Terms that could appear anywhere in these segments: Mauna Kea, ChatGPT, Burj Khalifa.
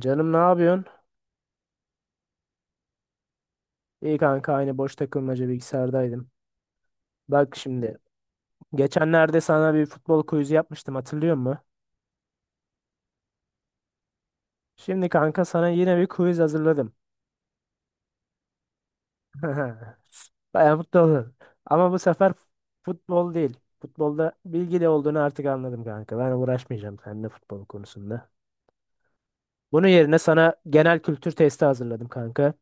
Canım ne yapıyorsun? İyi kanka aynı boş takılmaca bilgisayardaydım. Bak şimdi geçenlerde sana bir futbol quiz'i yapmıştım hatırlıyor musun? Şimdi kanka sana yine bir quiz hazırladım. Bayağı mutlu oldum. Ama bu sefer futbol değil. Futbolda bilgili olduğunu artık anladım kanka. Ben uğraşmayacağım seninle futbol konusunda. Bunun yerine sana genel kültür testi hazırladım kanka.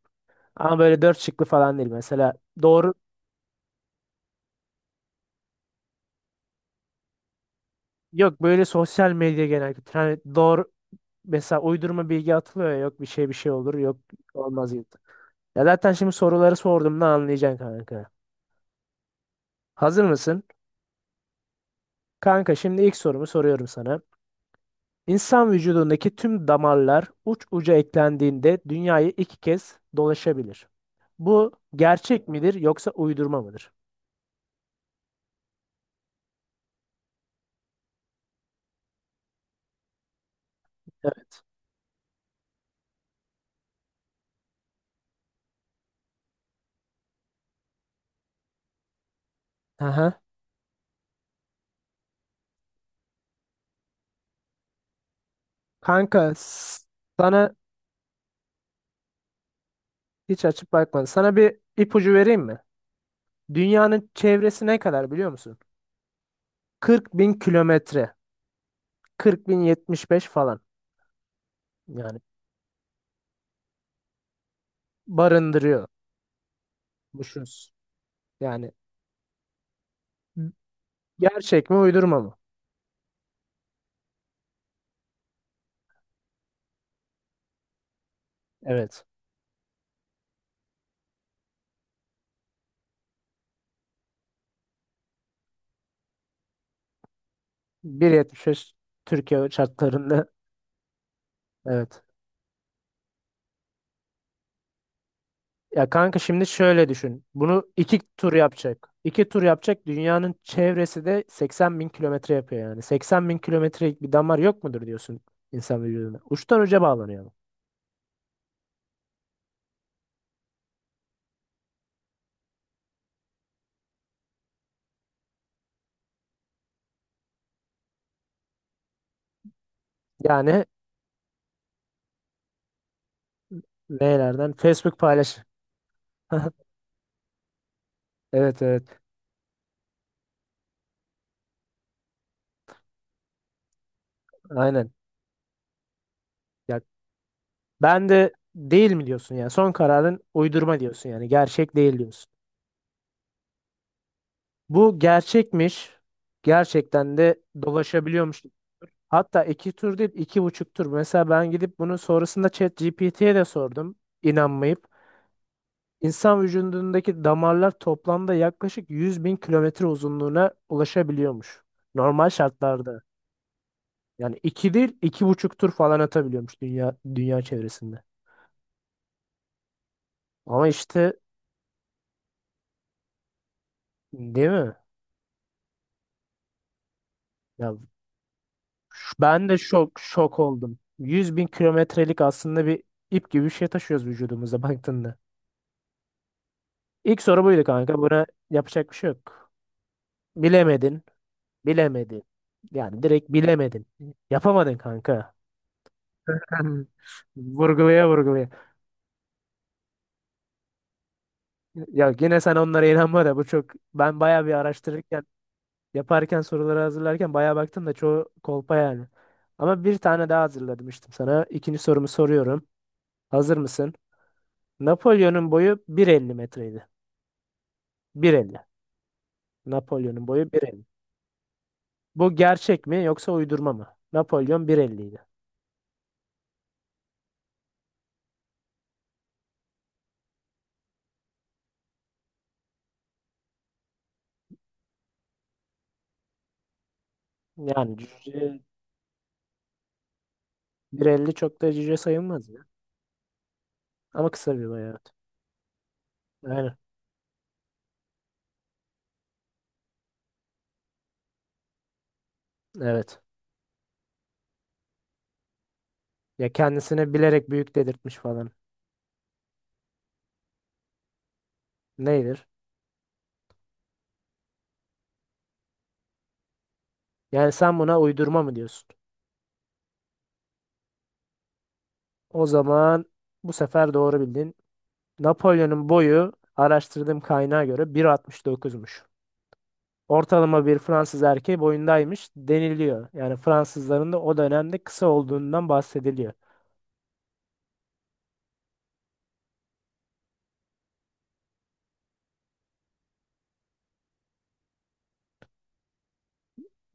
Ama böyle dört şıklı falan değil. Mesela doğru yok, böyle sosyal medya genel kültür. Hani mesela uydurma bilgi atılıyor ya, yok bir şey bir şey olur yok olmaz gibi. Ya zaten şimdi soruları sorduğumda anlayacaksın kanka. Hazır mısın? Kanka şimdi ilk sorumu soruyorum sana. İnsan vücudundaki tüm damarlar uç uca eklendiğinde dünyayı iki kez dolaşabilir. Bu gerçek midir yoksa uydurma mıdır? Evet. Aha. Kanka sana hiç açıp bakmadım. Sana bir ipucu vereyim mi? Dünyanın çevresi ne kadar biliyor musun? 40 bin kilometre. 40.075 falan. Yani barındırıyormuşuz. Yani gerçek mi uydurma mı? Evet. 1,75, Türkiye şartlarında. Evet. Ya kanka şimdi şöyle düşün. Bunu iki tur yapacak. İki tur yapacak. Dünyanın çevresi de 80 bin kilometre yapıyor yani. 80 bin kilometrelik bir damar yok mudur diyorsun insan vücuduna? Uçtan uca bağlanıyor bu. Yani nelerden? Facebook paylaş. Evet, evet. Aynen. Ya, ben de değil mi diyorsun ya. Son kararın uydurma diyorsun yani. Gerçek değil diyorsun. Bu gerçekmiş. Gerçekten de dolaşabiliyormuş. Hatta iki tur değil, iki buçuk tur. Mesela ben gidip bunu sonrasında ChatGPT'ye de sordum inanmayıp. İnsan vücudundaki damarlar toplamda yaklaşık 100 bin kilometre uzunluğuna ulaşabiliyormuş. Normal şartlarda. Yani iki değil, iki buçuk tur falan atabiliyormuş dünya çevresinde. Ama işte, değil mi? Ya, ben de şok şok oldum. 100 bin kilometrelik aslında bir ip gibi bir şey taşıyoruz vücudumuza baktığında. İlk soru buydu kanka. Buna yapacak bir şey yok. Bilemedin. Bilemedin. Yani direkt bilemedin. Yapamadın kanka. Vurgulaya vurgulaya. Ya yine sen onlara inanma da bu çok... Ben bayağı bir araştırırken, yaparken, soruları hazırlarken bayağı baktım da çoğu kolpa yani. Ama bir tane daha hazırladım işte sana. İkinci sorumu soruyorum. Hazır mısın? Napolyon'un boyu 1,50 metreydi. 1,50. Napolyon'un boyu 1,50. Bu gerçek mi yoksa uydurma mı? Napolyon 1,50 idi. Yani cüce. 1,50 çok da cüce sayılmaz ya. Ama kısa bir boy, evet. Aynen. Evet. Ya kendisine bilerek büyük dedirtmiş falan. Neydir? Yani sen buna uydurma mı diyorsun? O zaman bu sefer doğru bildin. Napolyon'un boyu, araştırdığım kaynağa göre, 1,69'muş. Ortalama bir Fransız erkeği boyundaymış deniliyor. Yani Fransızların da o dönemde kısa olduğundan bahsediliyor.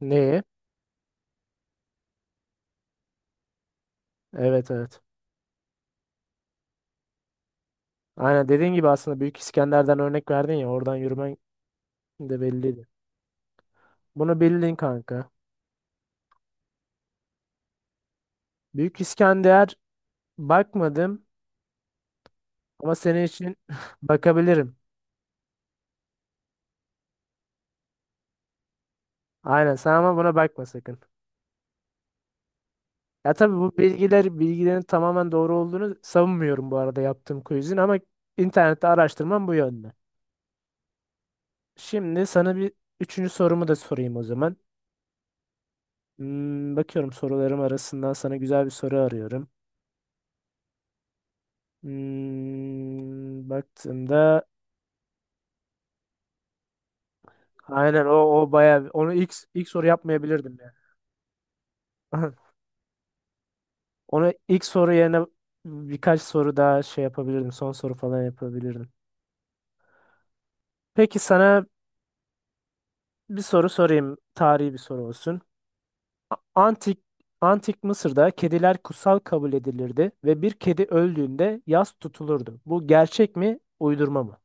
Neye? Evet, evet. Aynen, dediğin gibi aslında Büyük İskender'den örnek verdin ya, oradan yürümen de belliydi. Bunu bildin kanka. Büyük İskender, bakmadım ama senin için bakabilirim. Aynen, sen ama buna bakma sakın. Ya tabii, bu bilgilerin tamamen doğru olduğunu savunmuyorum bu arada yaptığım quizin, ama internette araştırmam bu yönde. Şimdi sana bir üçüncü sorumu da sorayım o zaman. Bakıyorum sorularım arasından sana güzel bir soru arıyorum. Baktığımda... Aynen, o bayağı onu ilk soru yapmayabilirdim yani. Onu ilk soru yerine birkaç soru daha şey yapabilirdim. Son soru falan yapabilirdim. Peki sana bir soru sorayım. Tarihi bir soru olsun. A- Antik Antik Mısır'da kediler kutsal kabul edilirdi ve bir kedi öldüğünde yas tutulurdu. Bu gerçek mi, uydurma mı?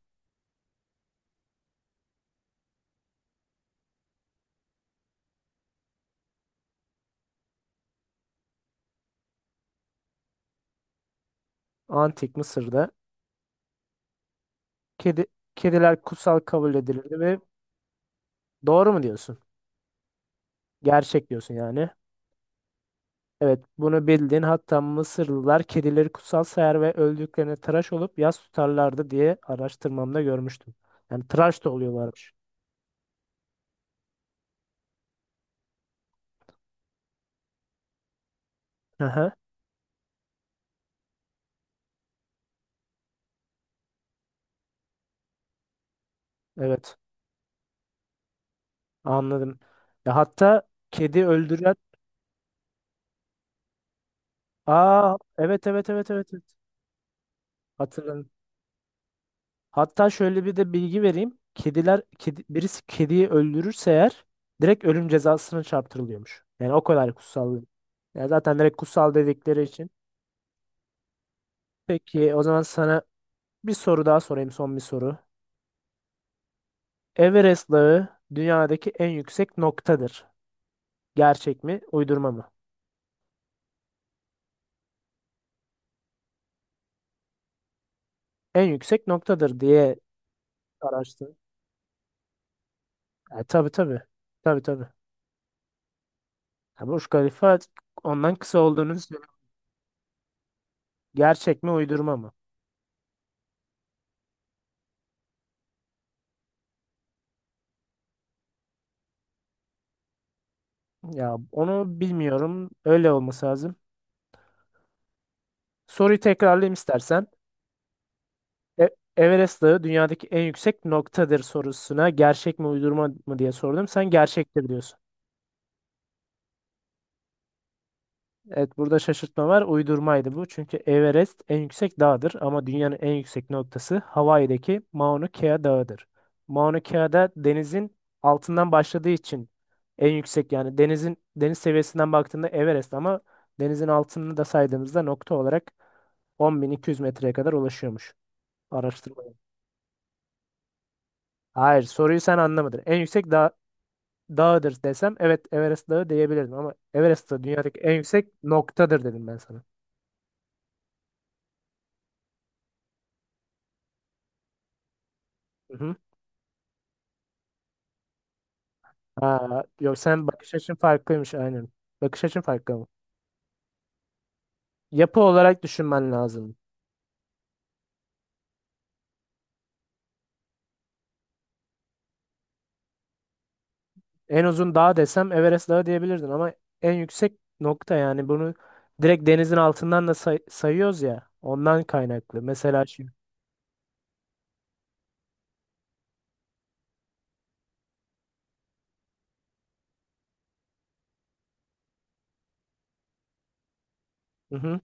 Antik Mısır'da kedi kediler kutsal kabul edilirdi ve, doğru mu diyorsun? Gerçek diyorsun yani. Evet, bunu bildin. Hatta Mısırlılar kedileri kutsal sayar ve öldüklerine tıraş olup yas tutarlardı diye araştırmamda görmüştüm. Yani tıraş da oluyorlarmış. Aha, evet, anladım. Ya hatta kedi öldüren... Aa, evet, evet, evet, evet, evet. Hatırladım. Hatta şöyle bir de bilgi vereyim. Birisi kediyi öldürürse eğer direkt ölüm cezasına çarptırılıyormuş. Yani o kadar kutsal. Yani zaten direkt kutsal dedikleri için. Peki o zaman sana bir soru daha sorayım, son bir soru. Everest Dağı dünyadaki en yüksek noktadır. Gerçek mi, uydurma mı? En yüksek noktadır diye araştırdım. E, tabii, tabii. Tabii, tabii. Ya Burj Khalifa ondan kısa olduğunu söylüyor. Gerçek mi, uydurma mı? Ya onu bilmiyorum. Öyle olması lazım. Soruyu tekrarlayayım istersen. E- Everest Dağı dünyadaki en yüksek noktadır sorusuna gerçek mi, uydurma mı diye sordum. Sen gerçektir diyorsun. Evet, burada şaşırtma var. Uydurmaydı bu. Çünkü Everest en yüksek dağdır, ama dünyanın en yüksek noktası Hawaii'deki Mauna Kea Dağı'dır. Mauna Kea'da denizin altından başladığı için en yüksek, yani deniz seviyesinden baktığında Everest, ama denizin altını da saydığımızda nokta olarak 10.200 metreye kadar ulaşıyormuş. Araştırmaya. Hayır, soruyu sen anlamadın. En yüksek dağıdır desem evet, Everest Dağı diyebilirdim, ama Everest Dağı dünyadaki en yüksek noktadır dedim ben sana. Hı Ha, yok, sen bakış açın farklıymış aynen. Bakış açın farklı mı? Yapı olarak düşünmen lazım. En uzun dağ desem Everest Dağı diyebilirdin, ama en yüksek nokta, yani bunu direkt denizin altından da sayıyoruz ya, ondan kaynaklı. Mesela şimdi. Hı hı,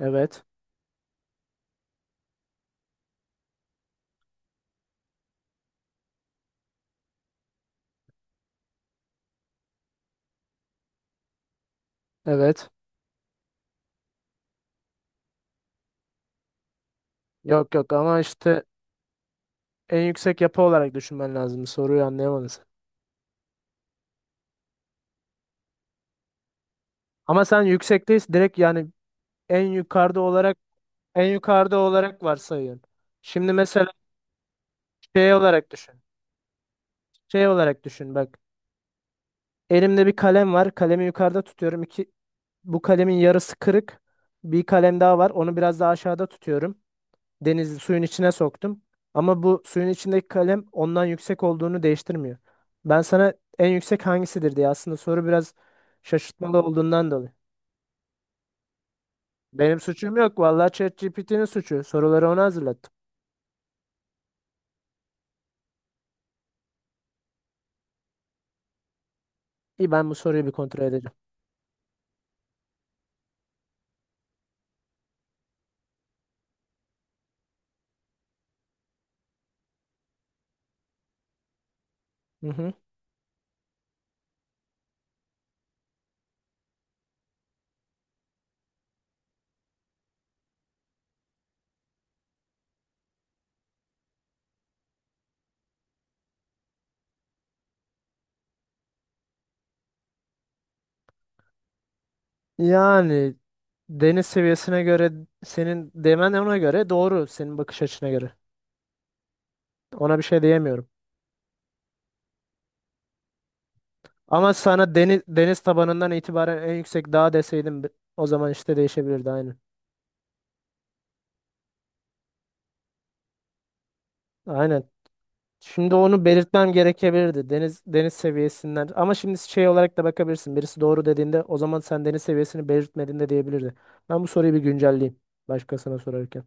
evet. Evet. Yok, yok, ama işte en yüksek yapı olarak düşünmen lazım. Soruyu anlayamadın sen. Ama sen yüksekteyiz direkt yani en yukarıda olarak en yukarıda olarak varsayıyorsun. Şimdi mesela şey olarak düşün. Şey olarak düşün bak. Elimde bir kalem var. Kalemi yukarıda tutuyorum. İki, bu kalemin yarısı kırık. Bir kalem daha var. Onu biraz daha aşağıda tutuyorum. Denizi suyun içine soktum. Ama bu suyun içindeki kalem ondan yüksek olduğunu değiştirmiyor. Ben sana en yüksek hangisidir diye aslında soru biraz şaşırtmalı olduğundan dolayı. Benim suçum yok. Vallahi ChatGPT'nin suçu. Soruları ona hazırlattım. İyi, ben bu soruyu bir kontrol edeceğim. Hı hı. Yani deniz seviyesine göre senin demen ona göre doğru, senin bakış açına göre. Ona bir şey diyemiyorum. Ama sana deniz tabanından itibaren en yüksek dağ deseydim, o zaman işte değişebilirdi aynen. Aynen. Şimdi onu belirtmem gerekebilirdi. Deniz seviyesinden. Ama şimdi şey olarak da bakabilirsin. Birisi doğru dediğinde, o zaman sen deniz seviyesini belirtmediğinde diyebilirdi. Ben bu soruyu bir güncelleyeyim başkasına sorarken.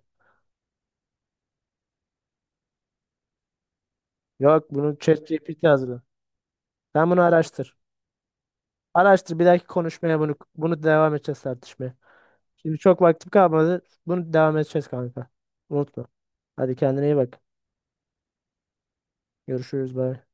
Yok, bunu ChatGPT yazdı. Sen bunu araştır. Araştır, bir dahaki konuşmaya bunu devam edeceğiz, tartışmaya. Şimdi çok vaktim kalmadı. Bunu devam edeceğiz kanka. Unutma. Hadi kendine iyi bak. Görüşürüz. Bye.